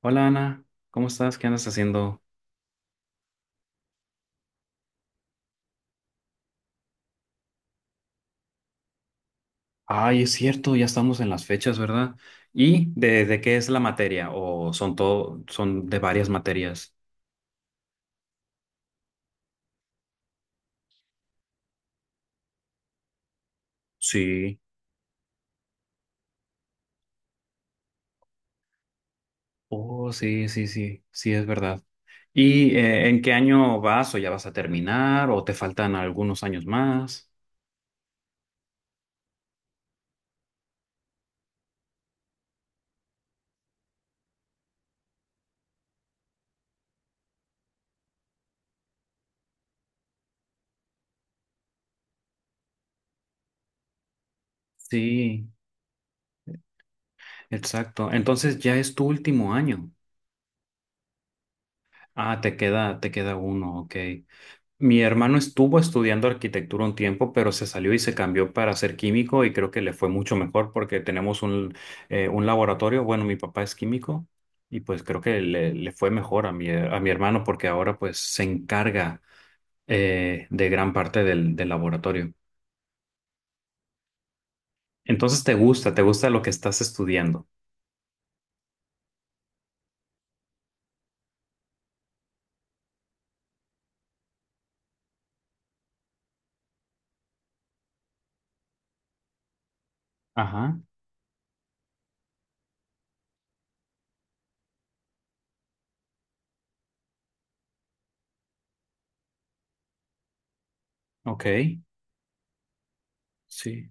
Hola Ana, ¿cómo estás? ¿Qué andas haciendo? Ay, es cierto, ya estamos en las fechas, ¿verdad? ¿Y de qué es la materia? ¿O son de varias materias? Sí. Oh, sí, sí, sí, sí, es verdad. ¿Y en qué año vas o ya vas a terminar o te faltan algunos años más? Sí, exacto. Entonces ya es tu último año. Ah, te queda uno, ok. Mi hermano estuvo estudiando arquitectura un tiempo, pero se salió y se cambió para ser químico y creo que le fue mucho mejor porque tenemos un laboratorio. Bueno, mi papá es químico y pues creo que le fue mejor a mi hermano porque ahora pues se encarga de gran parte del laboratorio. Entonces te gusta lo que estás estudiando. Ajá, ok, sí,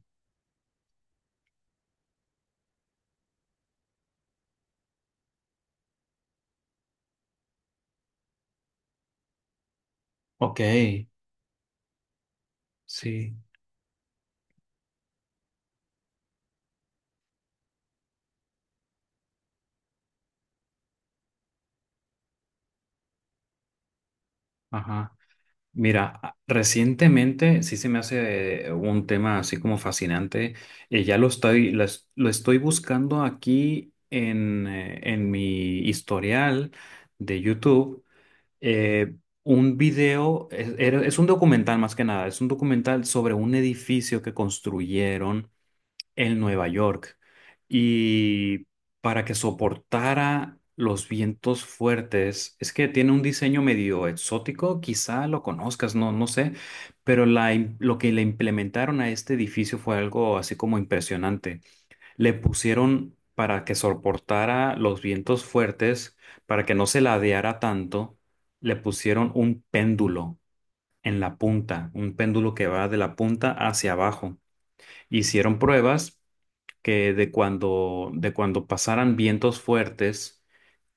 ok, sí, ajá. Mira, recientemente sí se me hace un tema así como fascinante. Ya lo estoy buscando aquí en mi historial de YouTube. Eh, un video, es un documental más que nada, es un documental sobre un edificio que construyeron en Nueva York y para que soportara los vientos fuertes, es que tiene un diseño medio exótico, quizá lo conozcas, no, no sé, pero lo que le implementaron a este edificio fue algo así como impresionante. Le pusieron para que soportara los vientos fuertes, para que no se ladeara tanto, le pusieron un péndulo en la punta, un péndulo que va de la punta hacia abajo. Hicieron pruebas que de cuando pasaran vientos fuertes,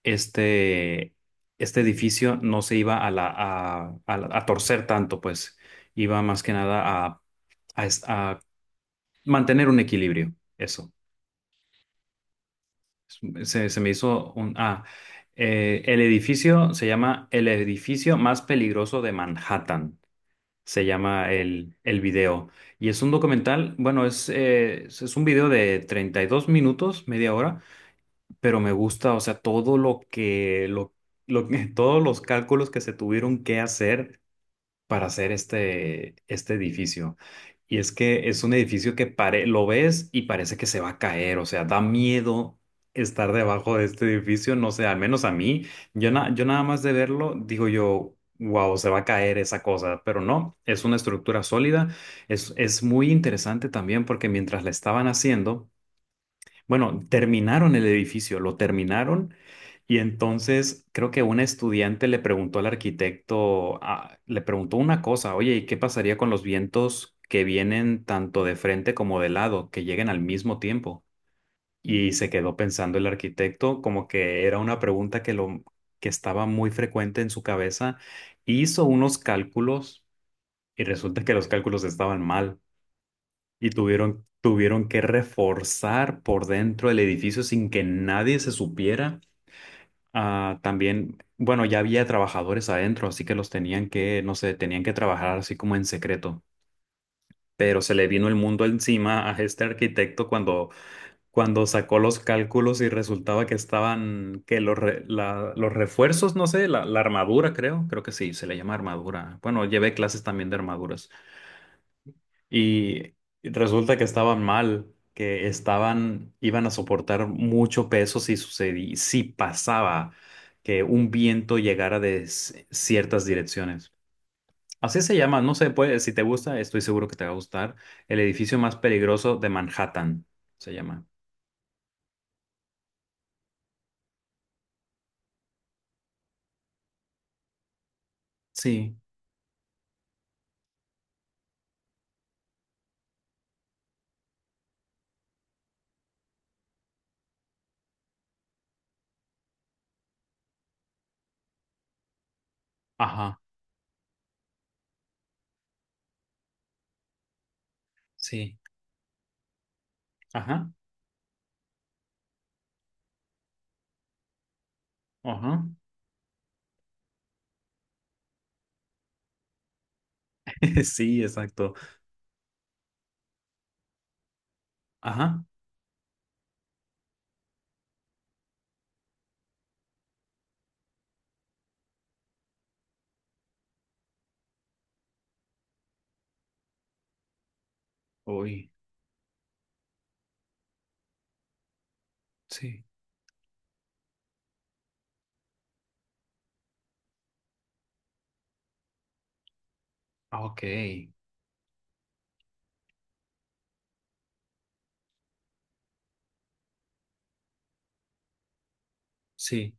este, este edificio no se iba a torcer tanto, pues iba más que nada a mantener un equilibrio. Eso. Se me hizo un... Ah, El edificio se llama El edificio más peligroso de Manhattan. Se llama el video. Y es un documental, bueno, es un video de 32 minutos, media hora, pero me gusta, o sea, todo lo que- todos los cálculos que se tuvieron que hacer para hacer este edificio. Y es que es un edificio lo ves y parece que se va a caer, o sea, da miedo estar debajo de este edificio, no sé, al menos a mí, yo nada más de verlo, digo yo, wow, se va a caer esa cosa, pero no, es una estructura sólida, es muy interesante también porque mientras la estaban haciendo, bueno, terminaron el edificio, lo terminaron y entonces creo que un estudiante le preguntó al arquitecto, ah, le preguntó una cosa, oye, ¿y qué pasaría con los vientos que vienen tanto de frente como de lado, que lleguen al mismo tiempo? Y se quedó pensando el arquitecto como que era una pregunta que lo que estaba muy frecuente en su cabeza, hizo unos cálculos y resulta que los cálculos estaban mal. Y tuvieron que reforzar por dentro el edificio sin que nadie se supiera. Ah, también, bueno, ya había trabajadores adentro, así que los tenían que, no sé, tenían que trabajar así como en secreto. Pero se le vino el mundo encima a este arquitecto cuando, cuando sacó los cálculos y resultaba que estaban, que los refuerzos, no sé, la armadura creo que sí, se le llama armadura. Bueno, llevé clases también de armaduras. Y resulta que estaban mal, que estaban, iban a soportar mucho peso si sucedía, si pasaba que un viento llegara ciertas direcciones. Así se llama, no sé, puede, si te gusta, estoy seguro que te va a gustar. El edificio más peligroso de Manhattan se llama. Sí, ajá, sí, ajá, ajá. Sí, exacto. Ajá. Uy, sí. Ah, ok. Sí,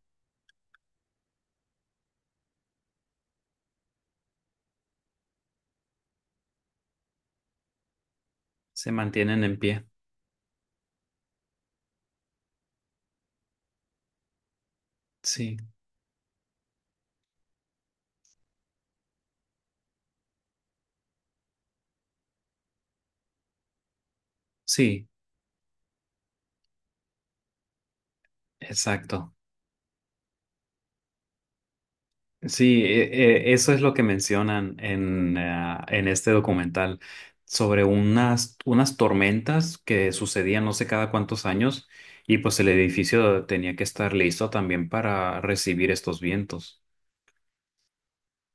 se mantienen en pie. Sí, sí. Exacto. Sí, eso es lo que mencionan en este documental sobre unas tormentas que sucedían no sé cada cuántos años y pues el edificio tenía que estar listo también para recibir estos vientos.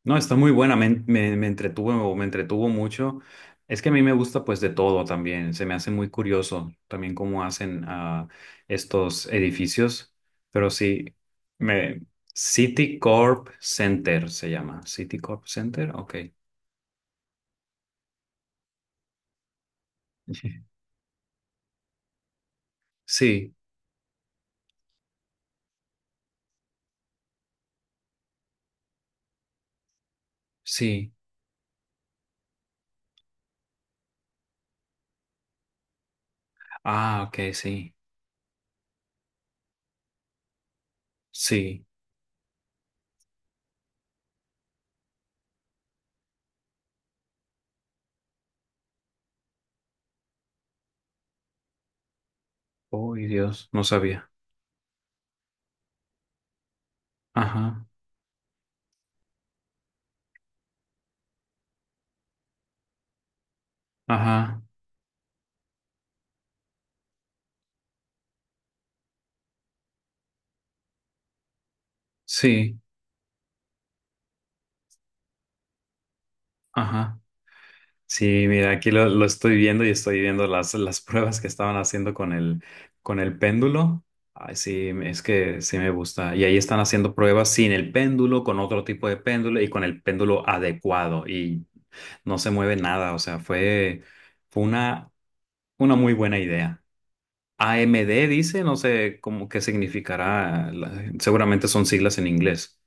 No, está muy buena, me entretuvo mucho. Es que a mí me gusta pues de todo también, se me hace muy curioso también cómo hacen estos edificios, pero sí, me, Citicorp Center se llama, Citicorp Center, ok. Sí, sí, sí. Ah, ok, sí, sí. Uy, Dios, no sabía. Ajá, ajá, sí, ajá. Sí, mira, aquí lo estoy viendo y estoy viendo las pruebas que estaban haciendo con el péndulo. Ay, sí, es que sí me gusta. Y ahí están haciendo pruebas sin el péndulo, con otro tipo de péndulo y con el péndulo adecuado. Y no se mueve nada. O sea, fue una muy buena idea. AMD dice, no sé cómo qué significará. Seguramente son siglas en inglés.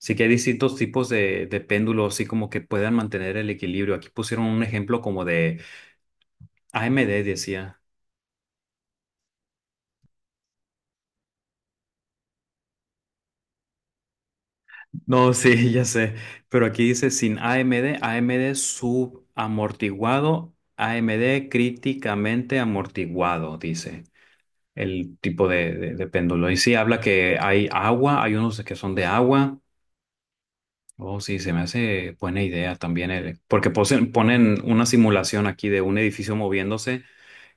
Sí que hay distintos tipos de péndulos, así como que puedan mantener el equilibrio. Aquí pusieron un ejemplo como de AMD decía. No, sí, ya sé. Pero aquí dice sin AMD, AMD subamortiguado, AMD críticamente amortiguado, dice el tipo de péndulo. Y sí, habla que hay agua, hay unos que son de agua. Oh, sí, se me hace buena idea también, porque ponen una simulación aquí de un edificio moviéndose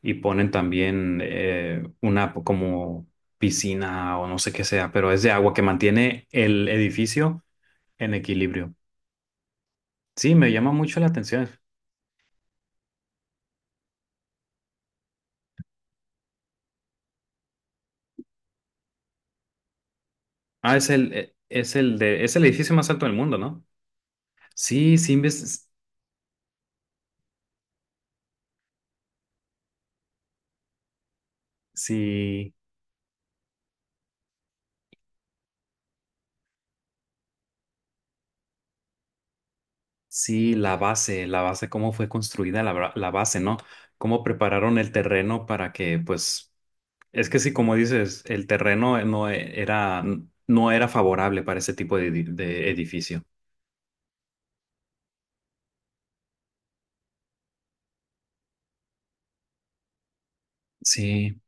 y ponen también una como piscina o no sé qué sea, pero es de agua que mantiene el edificio en equilibrio. Sí, me llama mucho la atención. Ah, es el, e- es el de, es el edificio más alto del mundo, ¿no? Sí, sí, sí, sí, la base, cómo fue construida la base, ¿no? Cómo prepararon el terreno para que, pues, es que sí, como dices, el terreno no era favorable para ese tipo de edificio. Sí,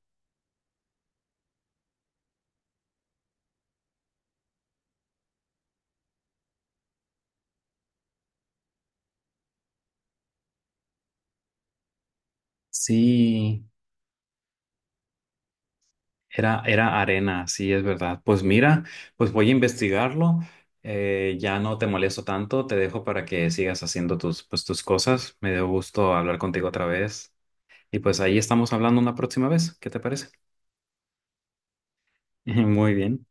sí. Era arena, sí, es verdad. Pues mira, pues voy a investigarlo. Ya no te molesto tanto, te dejo para que sigas haciendo tus cosas. Me dio gusto hablar contigo otra vez. Y pues ahí estamos hablando una próxima vez. ¿Qué te parece? Muy bien.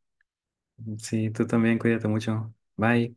Sí, tú también, cuídate mucho. Bye.